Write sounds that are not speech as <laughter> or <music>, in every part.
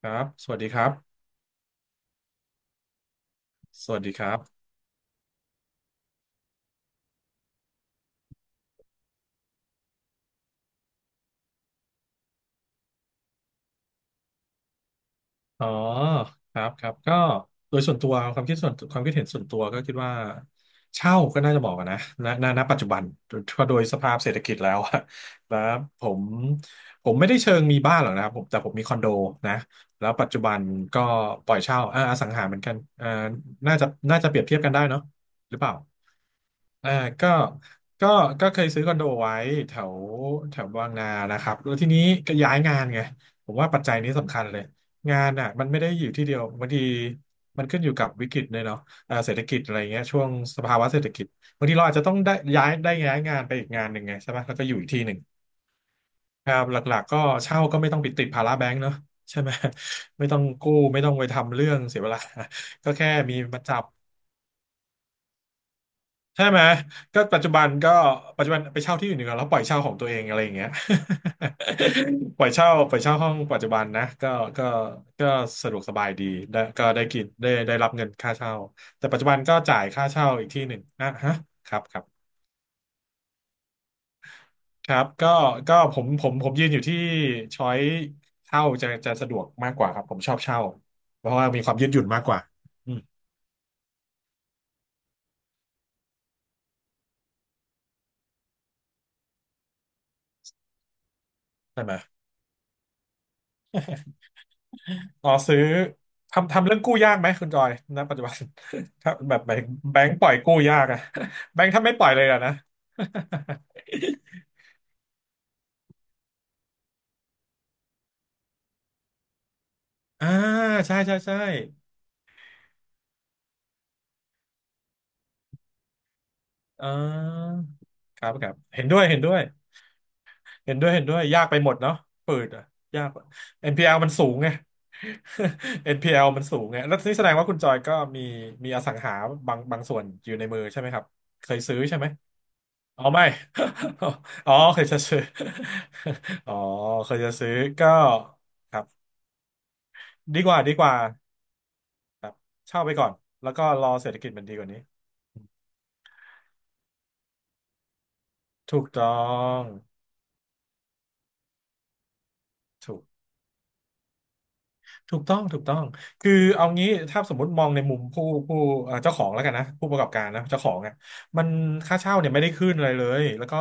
ครับสวัสดีครับสวัสดีครับอ๋อครับครับก็โดยส่วนตัวความคิดเห็นส่วนตัวก็คิดว่าเช่าก็น่าจะเหมาะกันนะณปัจจุบันถ้าโดยสภาพเศรษฐกิจแล้วอะ <laughs> แล้วผมผมไม่ได้เชิงมีบ้านหรอกนะครับผมแต่ผมมีคอนโดนะแล้วปัจจุบันก็ปล่อยเช่าอสังหาเหมือนกันอ่าน่าจะเปรียบเทียบกันได้เนาะหรือเปล่า อ่าก็ก็ก็เคยซื้อคอนโดไว้แถวแถวบางนานะครับแล้วทีนี้ก็ย้ายงานไงผมว่าปัจจัยนี้สำคัญเลยงานอ่ะมันไม่ได้อยู่ที่เดียวบางทีมันขึ้นอยู่กับวิกฤตเลยเนาะเศรษฐกิจอะไรเงี้ยช่วงสภาวะเศรษฐกิจบางทีเราอาจจะต้องได้ย้ายงานไปอีกงานหนึ่งไงใช่ไหมแล้วก็อยู่อีกที่หนึ่งครับหลักๆก็เช่าก็ไม่ต้องไปติดภาระแบงก์เนาะใช่ไหม <laughs> ไม่ต้องกู้ไม่ต้องไปทำเรื่องเสียเวลา <laughs> ก็แค่มีมาจับ ใช่ไหมก็ปัจจุบันก็ปัจจุบันไปเช่าที่อยู่หนึ่งแล้วปล่อยเช่าของตัวเองอะไรอย่างเงี้ย <laughs> ปล่อยเช่าห้องปัจจุบันนะก็ก็สะดวกสบายดีได้ก็ได้กินได้รับเงินค่าเช่าแต่ปัจจุบันก็จ่ายค่าเช่าอีกที่หนึ่งอ่ะฮะครับครับครับก็ผมยืนอยู่ที่ช้อยเช่าจะสะดวกมากกว่าครับผมชอบเช่าเพราะว่ามีความยืดหยุ่นมากกว่าอืมใช่ไหม อ๋อซื้อทำเรื่องกู้ยากไหมคุณจอยณปัจจุบัน <laughs> ถ้าแบบแบงค์ปล่อยกู้ยากอะ <laughs> แบงค์ถ้าไม่ปล่อยเลยอะนะ <laughs> อ่าใช่ใช่ใช่อ่าครับครับเห็นด้วยเห็นด้วยเห็นด้วยเห็นด้วยยากไปหมดเนาะฝืดอะยากอะเอ็นพีแอลมันสูงไง <laughs> เอ็นพีแ p l มันสูงไงแล้วนี่แสดงว่าคุณจอยก็มีอสังหาบางส่วนอยู่ในมือใช่ไหมครับเคยซื้อใช่ไหม อ๋อไม่ <laughs> อ๋อเคยจะซื้อ <laughs> อ๋อเคยจะซื้อก็ครับดีกว่าดีกว่าครับเช่าไปก่อนแล้วก็รอเศรษฐกิจมันดีกว่านี้ถูกต้องถูก ถูกต้องถูกต้องคือเอางี้ถ้าสมมติมองในมุมผู้เจ้าของแล้วกันนะผู้ประกอบการนะเจ้าของอ่ะมันค่าเช่าเนี่ยไม่ได้ขึ้นอะไรเลยแล้วก็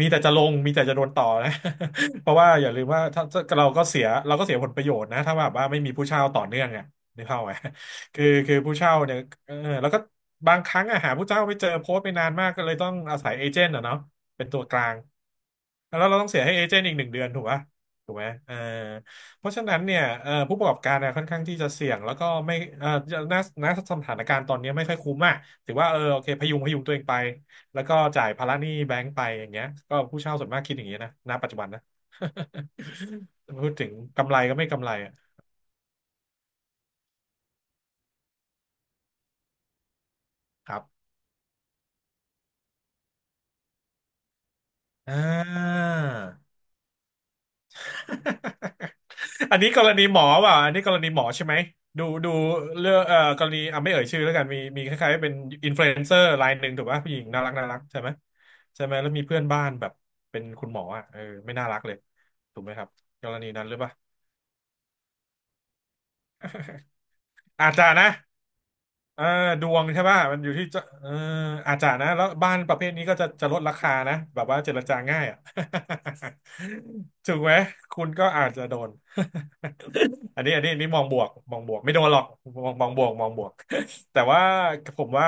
มีแต่จะลงมีแต่จะโดนต่อนะ <laughs> เพราะว่าอย่าลืมว่าถ้าเราก็เสียผลประโยชน์นะถ้าแบบว่าไม่มีผู้เช่าต่อเนื่องอ่ะนึกภาพไหมคือผู้เช่าเนี่ยเออแล้วก็บางครั้งอะหาผู้เช่าไม่เจอโพสต์ไปนานมากก็เลยต้องอาศัยเอเจนต์อะเนาะเป็นตัวกลางแล้วเราต้องเสียให้เอเจนต์อีก1 เดือนถูกปะถูกไหมเออ เพราะฉะนั้นเนี่ยผู้ประกอบการเนี่ยค่อนข้างที่จะเสี่ยงแล้วก็ไม่ณณสถานการณ์ตอนนี้ไม่ค่อยคุ้มอ่ะถือว่าเออโอเคพยุงพยุงตัวเองไปแล้วก็จ่ายภาระหนี้แบงก์ไปอย่างเงี้ยก็ผู้เช่าส่วนมากคิดอย่างเงี้ยนะณปัจจุบันนะ <laughs> พูดถึงกำไรก็ไม่กำไรอะครับอ่า อันนี้กรณีหมอใช่ไหมดูดูเรื่องกรณีอ่ะไม่เอ่ยชื่อแล้วกันมีคล้ายๆเป็นอินฟลูเอนเซอร์รายหนึ่งถูกป่ะผู้หญิงน่ารักน่ารักใช่ไหมแล้วมีเพื่อนบ้านแบบเป็นคุณหมออ่ะเออไม่น่ารักเลยถูกไหมครับกรณีนั้นหรือเปล่าอาจจะนะเออดวงใช่ป่ะมันอยู่ที่จะเอออาจจะนะแล้วบ้านประเภทนี้ก็จะลดราคานะแบบว่าเจรจาง่ายอ่ะ <laughs> ถูกไหมคุณก็อาจจะโดน <laughs> อันนี้มองบวกมองบวกไม่โดนหรอกมองบวกมองบวก <laughs> แต่ว่าผมว่า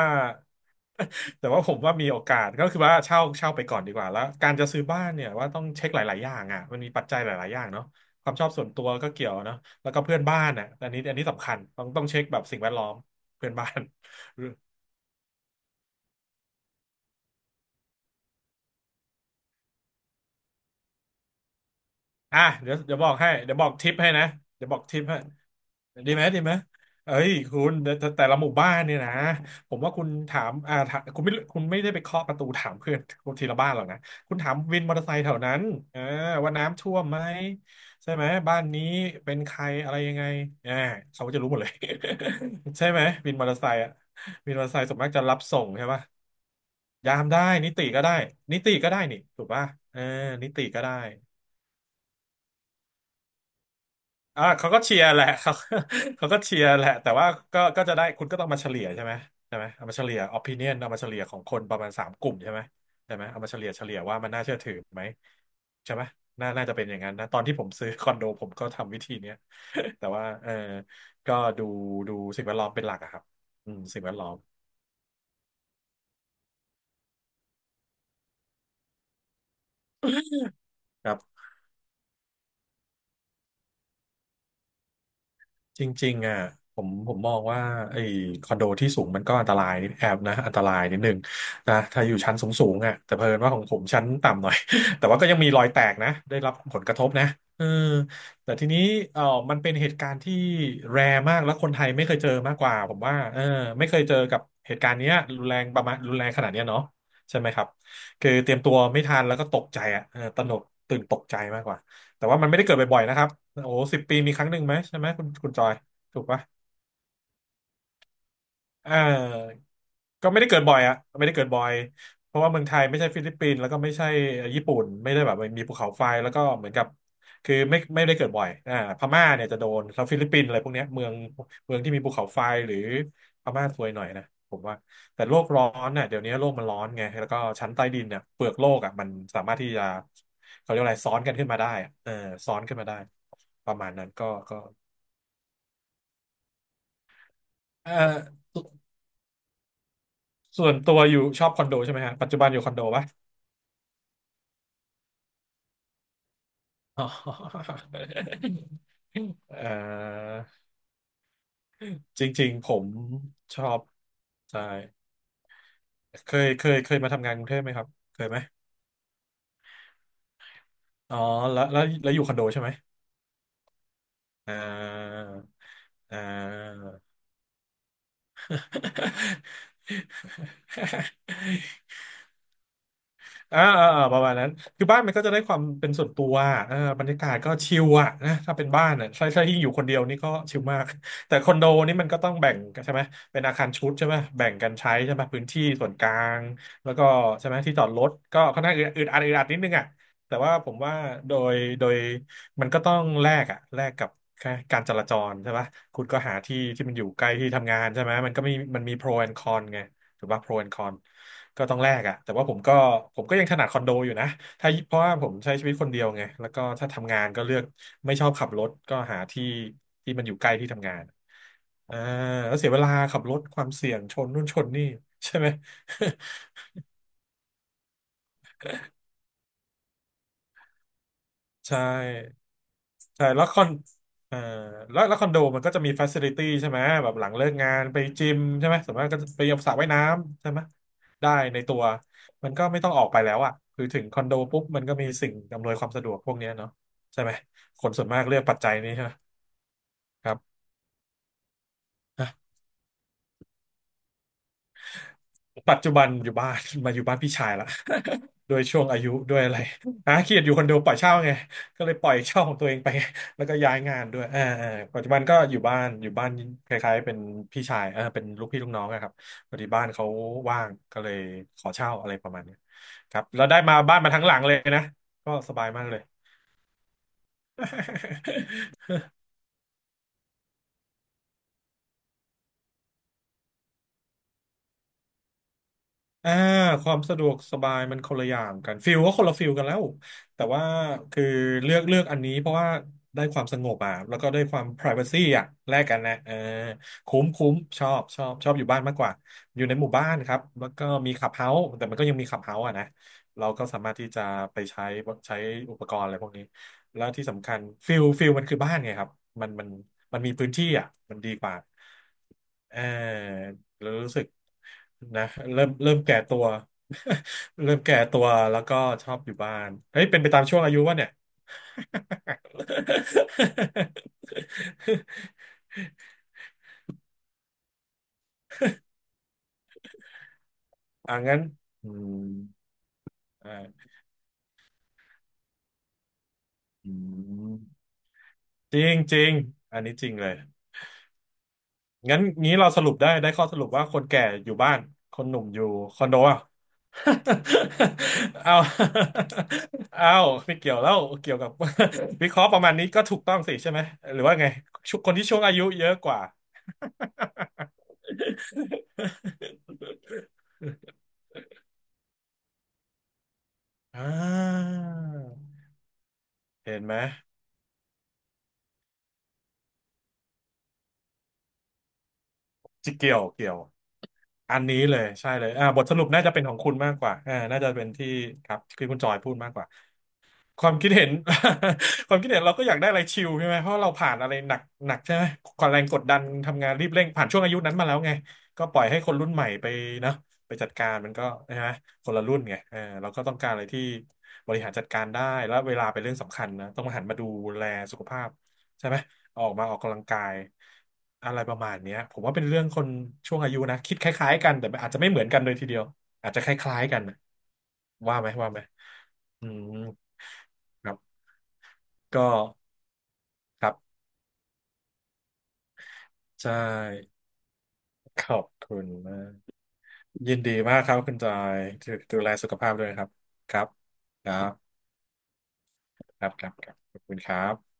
<laughs> แต่ว่าผมว่ามีโอกาสก็คือว่าเช่าไปก่อนดีกว่าแล้วการจะซื้อบ้านเนี่ยว่าต้องเช็คหลายๆอย่างอ่ะมันมีปัจจัยหลายๆอย่างเนาะความชอบส่วนตัวก็เกี่ยวเนาะแล้วก็เพื่อนบ้านอ่ะอันนี้อันนี้สำคัญต้องเช็คแบบสิ่งแวดล้อมเพื่อนบ้าน อ่ะเดี๋ยวบอกให้เดี๋ยวบอกทิปให้นะเดี๋ยวบอกทิปให้ดีไหมดีไหมเอ้ยคุณแต่ละหมู่บ้านเนี่ยนะผมว่าคุณถามคุณไม่ได้ไปเคาะประตูถามเพื่อนคนทีละบ้านหรอกนะคุณถามวินมอเตอร์ไซค์แถวนั้นเออว่าน้ำท่วมไหมใช่ไหมบ้านนี้เป็นใครอะไรยังไงอ่าเขาก็จะรู้หมดเลย <laughs> ใช่ไหมวินมอเตอร์ไซค์อะวินมอเตอร์ไซค์ส่วนมากจะรับส่งใช่ปะยามได้นิติก็ได้นิติก็ได้นี่ถูกป่ะเออนิติก็ได้ อ่าเขาก็เชียร์แหละ <laughs> เขาเขาก็เชียร์แหละแต่ว่าก็จะได้คุณก็ต้องมาเฉลี่ยใช่ไหมใช่ไหมเอามาเฉลี่ย opinion เอามาเฉลี่ยของคนประมาณสามกลุ่มใช่ไหมใช่ไหมเอามาเฉลี่ยว่ามันน่าเชื่อถือไหมใช่ไหมน่าจะเป็นอย่างนั้นนะตอนที่ผมซื้อคอนโดผมก็ทำวิธีเนี้ยแต่ว่าก็ดูดูสิ่งแวดล้อมเป็นหลักอะครับอืมสิ่งแวดล้อมครับ จริงๆอ่ะผมมองว่าไอ้คอนโดที่สูงมันก็อันตรายนิดแอบนะอันตรายนิดนึงนะถ้าอยู่ชั้นสูงๆอ่ะแต่เพอินว่าของผมชั้นต่ำหน่อย <laughs> แต่ว่าก็ยังมีรอยแตกนะได้รับผลกระทบนะเออแต่ทีนี้เออมันเป็นเหตุการณ์ที่แรร์มากแล้วคนไทยไม่เคยเจอมากกว่าผมว่าเออไม่เคยเจอกับเหตุการณ์เนี้ยรุนแรงประมาณรุนแรงขนาดเนี้ยเนาะใช่ไหมครับคือเตรียมตัวไม่ทันแล้วก็ตกใจอ่ะเออตระหนกตื่นตกใจมากกว่า แต่ว่ามันไม่ได้เกิดบ่อยๆนะครับ โอ้ สิบปีมีครั้งหนึ่งไหมใช่ไหมคุณจอย ถูกปะ เออก็ไม่ได้เกิดบ่อยอะไม่ได้เกิดบ่อยเพราะว่าเมืองไทยไม่ใช่ฟิลิปปินส์แล้วก็ไม่ใช่ญี่ปุ่นไม่ได้แบบมีภูเขาไฟแล้วก็เหมือนกับคือไม่ได้เกิดบ่อยอ่าพม่าเนี่ยจะโดนแล้วฟิลิปปินส์อะไรพวกเนี้ยเมืองที่มีภูเขาไฟหรือพม่าซวยหน่อยนะผมว่าแต่โลกร้อนน่ะเดี๋ยวนี้โลกมันร้อนไงแล้วก็ชั้นใต้ดินเนี่ยเปลือกโลกอ่ะมันสามารถที่จะเขาเรียกอะไรซ้อนกันขึ้นมาได้อะเออซ้อนขึ้นมาได้ประมาณนั้นก็เออสส่วนตัวอยู่ชอบคอนโดใช่ไหมฮะปัจจุบันอยู่คอนโดปะ <laughs> อ๋อเอ่อจริงๆผมชอบใช่เคยมาทำงานกรุงเทพไหมครับเคยไหมอ๋อแล้วอยู่คอนโดใช่ไหมอ่าอ่า อ่าประมาณนั้นคือบ้านมันก็จะได้ความเป็นส่วนตัวเออบรรยากาศก็ชิลอะนะถ้าเป็นบ้านอ่ะใช่ใช่ยิ่งอยู่คนเดียวนี่ก็ชิลมาก <laughs> แต่คอนโดนี่มันก็ต้องแบ่งกันใช่ไหมเป็นอาคารชุดใช่ไหมแบ่งกันใช้ใช่ไหมพื้นที่ส่วนกลางแล้วก็ใช่ไหมที่จอดรถก็ค่อนข้างอึดอัดอึดอัดนิดนึงอะแต่ว่าผมว่าโดยมันก็ต้องแลกอะแลกกับแค่การจราจรใช่ปะคุณก็หาที่ที่มันอยู่ใกล้ที่ทำงานใช่ไหมมันก็มันมีโปรแอนคอนไง ถูกป่ะ pro and con ก็ต้องแลกอะแต่ว่าผมก็ยังถนัดคอนโดอยู่นะถ้าเพราะว่าผมใช้ชีวิตคนเดียวไงแล้วก็ถ้าทำงานก็เลือกไม่ชอบขับรถก็หาที่ที่มันอยู่ใกล้ที่ทำงานอ่าแล้วเสียเวลาขับรถความเสี่ยงชนนู่นชนนี่ใช่ไหม <laughs> ใช่ ใช่แล้วคอนเอ่อแล้วคอนโดมันก็จะมีฟ a ซิลิตี้ใช่ไหมแบบหลังเลิกงานไปจิมใช่ไหมสมมติก็จะไปสระว่ายน้ำใช่ไหมได้ในตัวมันก็ไม่ต้องออกไปแล้วอ่ะคือถึงคอนโดปุ๊บมันก็มีสิ่งอำนวยความสะดวกพวกเนี้ยเนาะใช่ไหมคนส่วนมากเลือกปัจจัยนี้ใช่ไหมครับ ปัจจุบันอยู่บ้าน <laughs> มาอยู่บ้านพี่ชายละ <laughs> โดยช่วงอายุด้วยอะไรหาเกียดอยู่คอนโดปล่อยเช่าไงก็เลยปล่อยเช่าของตัวเองไป <laughs> แล้วก็ย้ายงานด้วยอ่าปัจจุบันก็อยู่บ้านอยู่บ้านคล้ายๆเป็นพี่ชายเออเป็นลูกพี่ลูกน้องอะครับพอดีบ้านเขาว่างก็เลยขอเช่าอะไรประมาณนี้ครับแล้วได้มาบ้านมาทั้งหลังเลยนะก็สบายมากเลย <laughs> อ่าความสะดวกสบายมันคนละอย่างกันฟิลก็คนละฟิลกันแล้วแต่ว่าคือเลือกอันนี้เพราะว่าได้ความสงบอ่ะแล้วก็ได้ความ privacy อ่ะแลกกันนะเออคุ้มชอบชอบอยู่บ้านมากกว่าอยู่ในหมู่บ้านครับแล้วก็มีคลับเฮาส์แต่มันก็ยังมีคลับเฮาส์อ่ะนะเราก็สามารถที่จะไปใช้อุปกรณ์อะไรพวกนี้แล้วที่สำคัญฟิลมันคือบ้านไงครับมันมันมันมีพื้นที่อ่ะมันดีกว่าเออ แล้วรู้สึกนะเริ่มแก่ตัว <laughs> เริ่มแก่ตัวแล้วก็ชอบอยู่บ้านเฮ้ยเป็นไปตามช่วงอายุวะเนี่ย <laughs> อ่ะงั้นอืมอ่าอืมจริงจริงอันนี้จริงเลย งั้นงี้เราสรุปได้ข้อสรุปว่าคนแก่อยู่บ้านคนหนุ่มอยู่คอนโดอ่ะ <laughs> เอา <laughs> เอาไม่เกี่ยวแล้วเกี่ยวกับ <laughs> วิเคราะห์ประมาณนี้ก็ถูกต้องสิใช่ไหมหรือว่าไงชุคนที่ช่วงอายุเยอะกว่า <laughs> อ่าเห็นไหมจิเกี่ยวอันนี้เลยใช่เลยอ่าบทสรุปน่าจะเป็นของคุณมากกว่าอ่าน่าจะเป็นที่ครับที่คุณจอยพูดมากกว่า ความคิดเห็น <laughs> ความคิดเห็นเราก็อยากได้อะไรชิลใช่ไหมเพราะเราผ่านอะไรหนักใช่ไหมความแรงกดดันทำงานรีบเร่งผ่านช่วงอายุนั้นมาแล้วไงก็ปล่อยให้คนรุ่นใหม่ไปเนาะไปจัดการมันก็ใช่ไหมคนละรุ่นไงเออเราก็ต้องการอะไรที่บริหารจัดการได้แล้วเวลาเป็นเรื่องสำคัญนะต้องหันมาดูแลสุขภาพใช่ไหมออกมาออกกำลังกายอะไรประมาณเนี้ยผมว่าเป็นเรื่องคนช่วงอายุนะคิดคล้ายๆกันแต่อาจจะไม่เหมือนกันเลยทีเดียวอาจจะคล้ายๆกันนะว่าไหมว่าไหมอืม ครับก็ ครับ ใช่ ขอบคุณมาก ยินดีมากครับคุณจอยดูแลสุขภาพด้วยนะครับครับ ครับ ครับ ครับ ครับ ขอบคุณครับ